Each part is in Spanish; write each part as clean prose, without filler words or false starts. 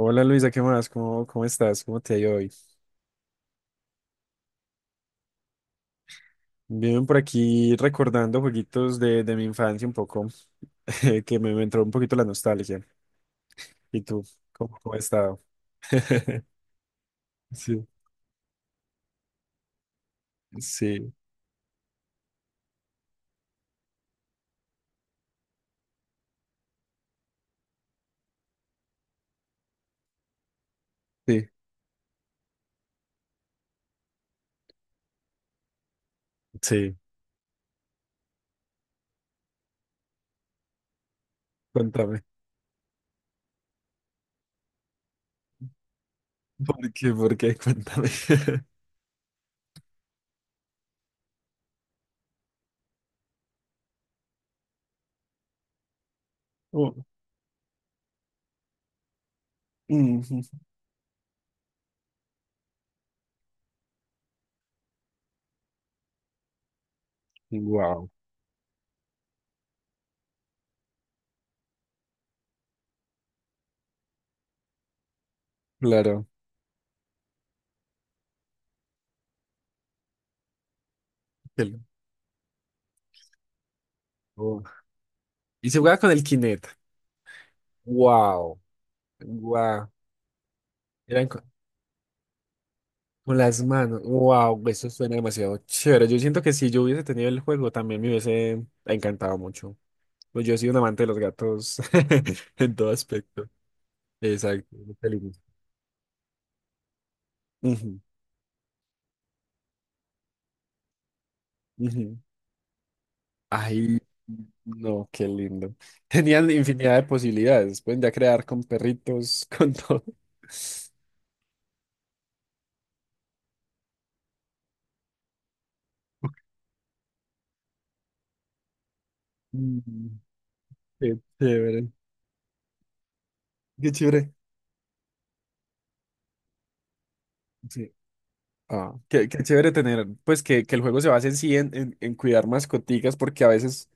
Hola Luisa, ¿qué más? ¿Cómo estás? ¿Cómo te ha ido hoy? Bien, por aquí recordando jueguitos de mi infancia un poco, que me entró un poquito la nostalgia. ¿Y tú? ¿Cómo has estado? Sí, sí, sí, sí. Cuéntame. ¿Por qué? ¿Por qué? Cuéntame. Wow, claro. Qué lo- oh. Y se jugaba con el Kinect. Wow, wow. Con las manos. Wow, eso suena demasiado chévere. Yo siento que si yo hubiese tenido el juego, también me hubiese encantado mucho. Pues yo he sido un amante de los gatos en todo aspecto. Exacto. Qué lindo. Ujú, ujú. Ay, no, qué lindo. Tenían infinidad de posibilidades. Pueden ya crear con perritos, con todo. Mm, Qué chévere. Qué chévere. Sí. Ah, qué chévere tener, pues que el juego se base en sí en, en cuidar mascoticas, porque a veces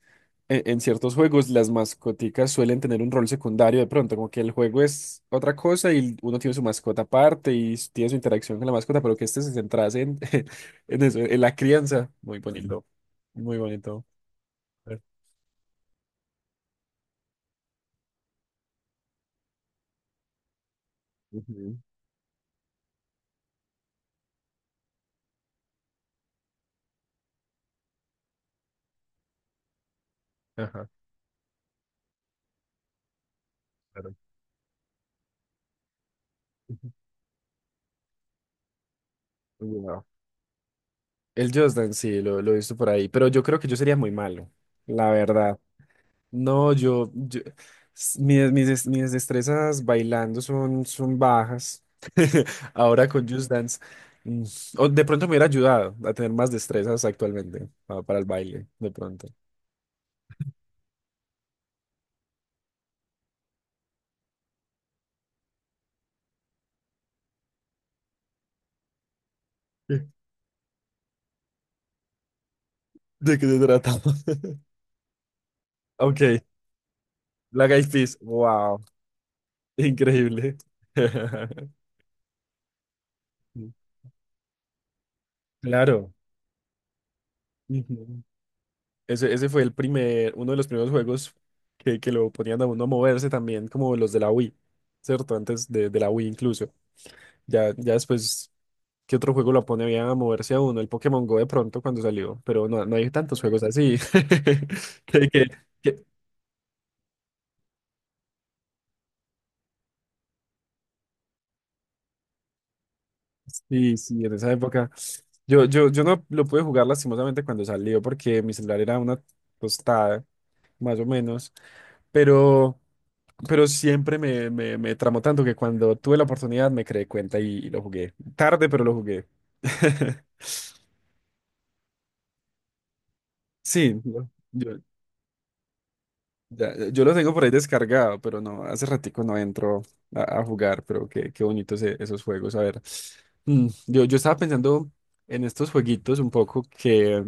en ciertos juegos las mascoticas suelen tener un rol secundario de pronto, como que el juego es otra cosa y uno tiene su mascota aparte y tiene su interacción con la mascota, pero que este se centrase en, en eso, en la crianza. Muy bonito, muy bonito. Ujú, ajá, claro. Wow. El Just Dance, sí, lo he visto por ahí, pero yo creo que yo sería muy malo, la verdad. No, mis destrezas bailando son bajas. Ahora con Just Dance. mm, O de pronto me hubiera ayudado a tener más destrezas actualmente para, el baile, de pronto. ¿De de qué se trata? Ok, Black Eyed Peas. Wow, increíble. Claro. Ujú. Ese fue el primer, uno de los primeros juegos que lo ponían a uno a moverse también, como los de la Wii, ¿cierto? Antes de la Wii incluso. Ya, ya después, ¿qué otro juego la pone bien a moverse a uno? El Pokémon Go de pronto cuando salió, pero no, no hay tantos juegos así. Que, que- que- sí, sí, en esa época. Yo no lo pude jugar lastimosamente cuando salió porque mi celular era una tostada, más o menos, pero, pero siempre me tramó tanto que cuando tuve la oportunidad me creé cuenta y lo jugué. Tarde, pero lo jugué. Sí, no, ya, ya, yo lo tengo por ahí descargado, pero no, hace ratico no entro a jugar, pero qué bonitos esos juegos. A ver, yo estaba pensando en estos jueguitos un poco que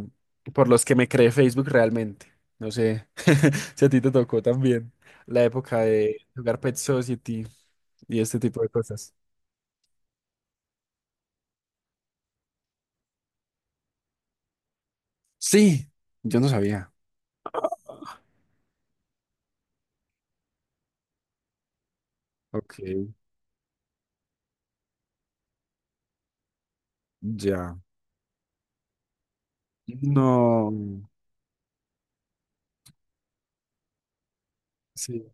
por los que me creé Facebook realmente. No sé si a ti te tocó también la época de jugar Pet Society y este tipo de cosas. Sí, yo no sabía. Ok, ya. No, sí.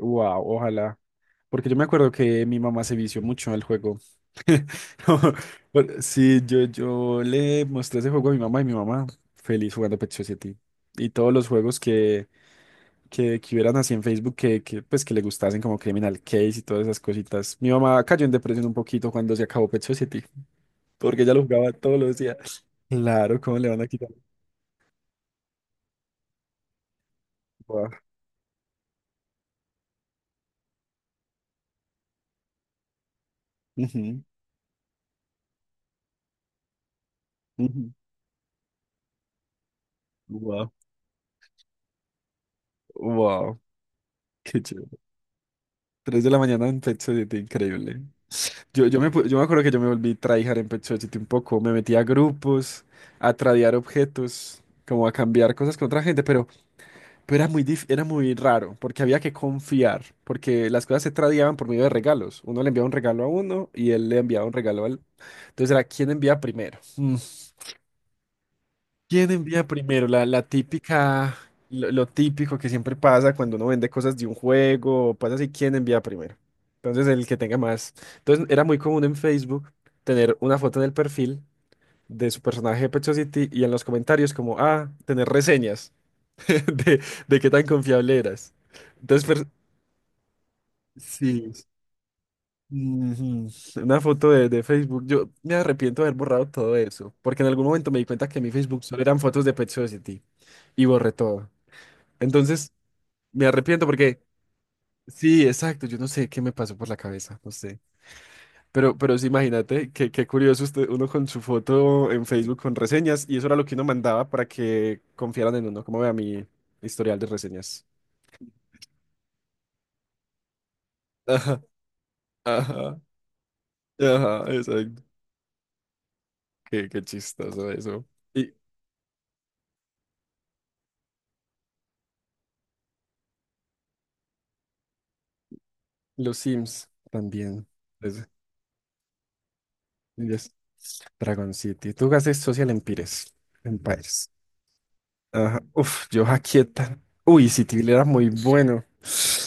Wow, ojalá. Porque yo me acuerdo que mi mamá se vició mucho al juego. No, sí, yo le mostré ese juego a mi mamá y mi mamá feliz jugando Pet Society. Y todos los juegos que hubieran así en Facebook pues, que le gustasen, como Criminal Case y todas esas cositas. Mi mamá cayó en depresión un poquito cuando se acabó Pet Society, porque ella lo jugaba todos los días. Claro, ¿cómo le van a quitar? Wow. Ujú, ujú. Wow. Wow. Qué chévere. 3 de la mañana en Pet Society, increíble. Yo me acuerdo que yo me volví tryhard en Pet Society un poco. Me metí a grupos, a tradear objetos, como a cambiar cosas con otra gente, pero era muy raro, porque había que confiar, porque las cosas se tradeaban por medio de regalos. Uno le enviaba un regalo a uno y él le enviaba un regalo al... Entonces era quién envía primero. Mm. ¿Quién envía primero? La típica, lo típico que siempre pasa cuando uno vende cosas de un juego, o pasa así, ¿quién envía primero? Entonces el que tenga más. Entonces era muy común en Facebook tener una foto en el perfil de su personaje de Pet Society y en los comentarios como, ah, tener reseñas de, de qué tan confiable eras. Entonces, sí, ujú, una foto de Facebook. Yo me arrepiento de haber borrado todo eso, porque en algún momento me di cuenta que mi Facebook solo eran fotos de Pet Society y borré todo. Entonces, me arrepiento porque, sí, exacto, yo no sé qué me pasó por la cabeza, no sé. Pero sí, imagínate, qué curioso usted, uno con su foto en Facebook con reseñas, y eso era lo que uno mandaba para que confiaran en uno, como vea mi historial de reseñas. Ajá, ajá, ajá, exacto. Qué chistoso eso. Y los Sims también. Es- es Dragon City. Tú haces Social Empires. Empires. Ajá. Uf, yo hackeé uy, Cityville era muy bueno.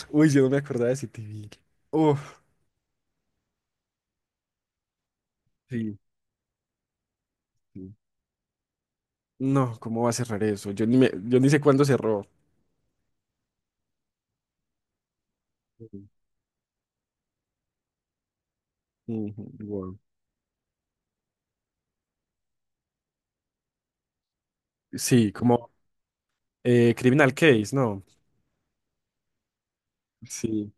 Uy, yo no me acordaba de CityVille. Uf, sí, sí. No, ¿cómo va a cerrar eso? Yo ni sé cuándo cerró. Ujú, ujú, wow. Sí, como Criminal Case, ¿no? Sí,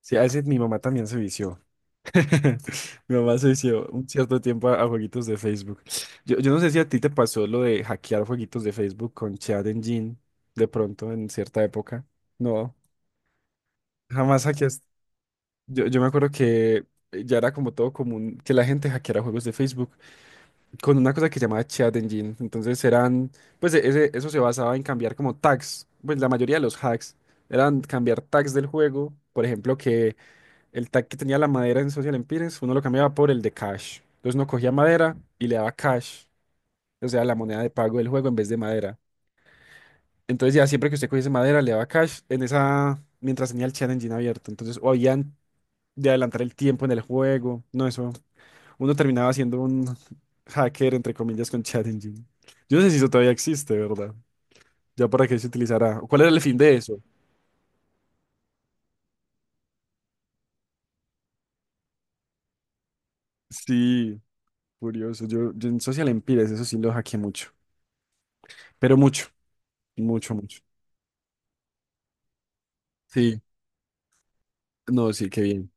sí, a veces mi mamá también se vició. Mi mamá se vició un cierto tiempo a jueguitos de Facebook. Yo no sé si a ti te pasó lo de hackear jueguitos de Facebook con Chat Engine de pronto en cierta época. No, jamás hackeaste. Yo me acuerdo que ya era como todo común que la gente hackeara juegos de Facebook con una cosa que se llamaba Chat Engine. Entonces eran, pues eso se basaba en cambiar como tags, pues la mayoría de los hacks eran cambiar tags del juego. Por ejemplo, que el tag que tenía la madera en Social Empires, uno lo cambiaba por el de cash. Entonces uno cogía madera y le daba cash, o sea, la moneda de pago del juego en vez de madera. Entonces ya siempre que usted cogiese madera le daba cash en esa, mientras tenía el Chat Engine abierto. Entonces o habían de adelantar el tiempo en el juego, no, eso uno terminaba siendo un hacker, entre comillas, con ChatGPT. Yo no sé si eso todavía existe, ¿verdad? Ya para qué se utilizará. ¿Cuál era el fin de eso? Sí, curioso. Yo en Social Empires, eso sí lo hackeé mucho. Pero mucho, mucho, mucho. Sí, no, sí, qué bien.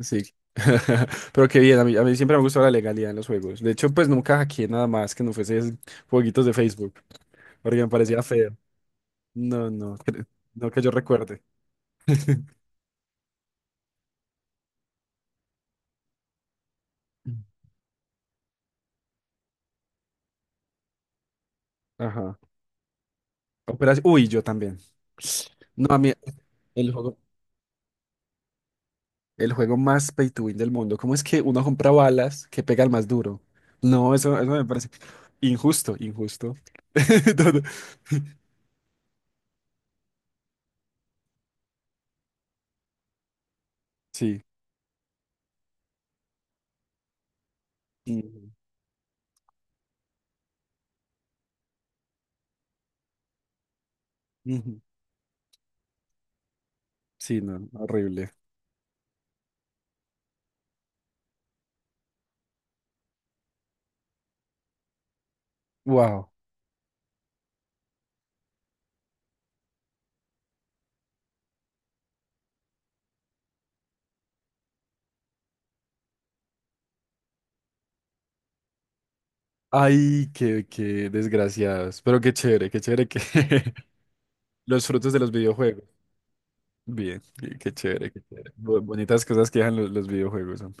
Sí. Pero qué bien, a mí siempre me gustó la legalidad en los juegos. De hecho, pues nunca hackeé nada más que no fuese esos jueguitos de Facebook, porque me parecía feo. No, no, no que yo recuerde. Ajá. Operación. Uy, yo también. No, a mí el juego. El juego más pay to win del mundo. ¿Cómo es que uno compra balas que pega al más duro? No, eso me parece injusto, injusto. No, no. Sí. Ujú, ujú. Sí, no, horrible. Wow. Ay, qué desgraciados. Pero qué chévere que los frutos de los videojuegos. Bien, qué chévere, qué chévere. Bonitas cosas que dejan los videojuegos. ¿No?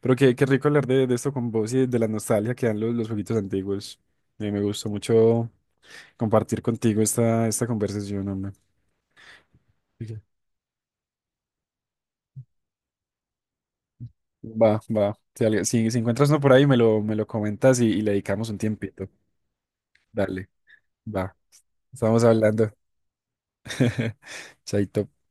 Pero qué rico hablar de esto con vos y de la nostalgia que dan los jueguitos antiguos. Me gustó mucho compartir contigo esta conversación, hombre. Dije, va, va. Si, si encuentras uno por ahí, me lo comentas y le dedicamos un tiempito. Dale, va. Estamos hablando. Chaito.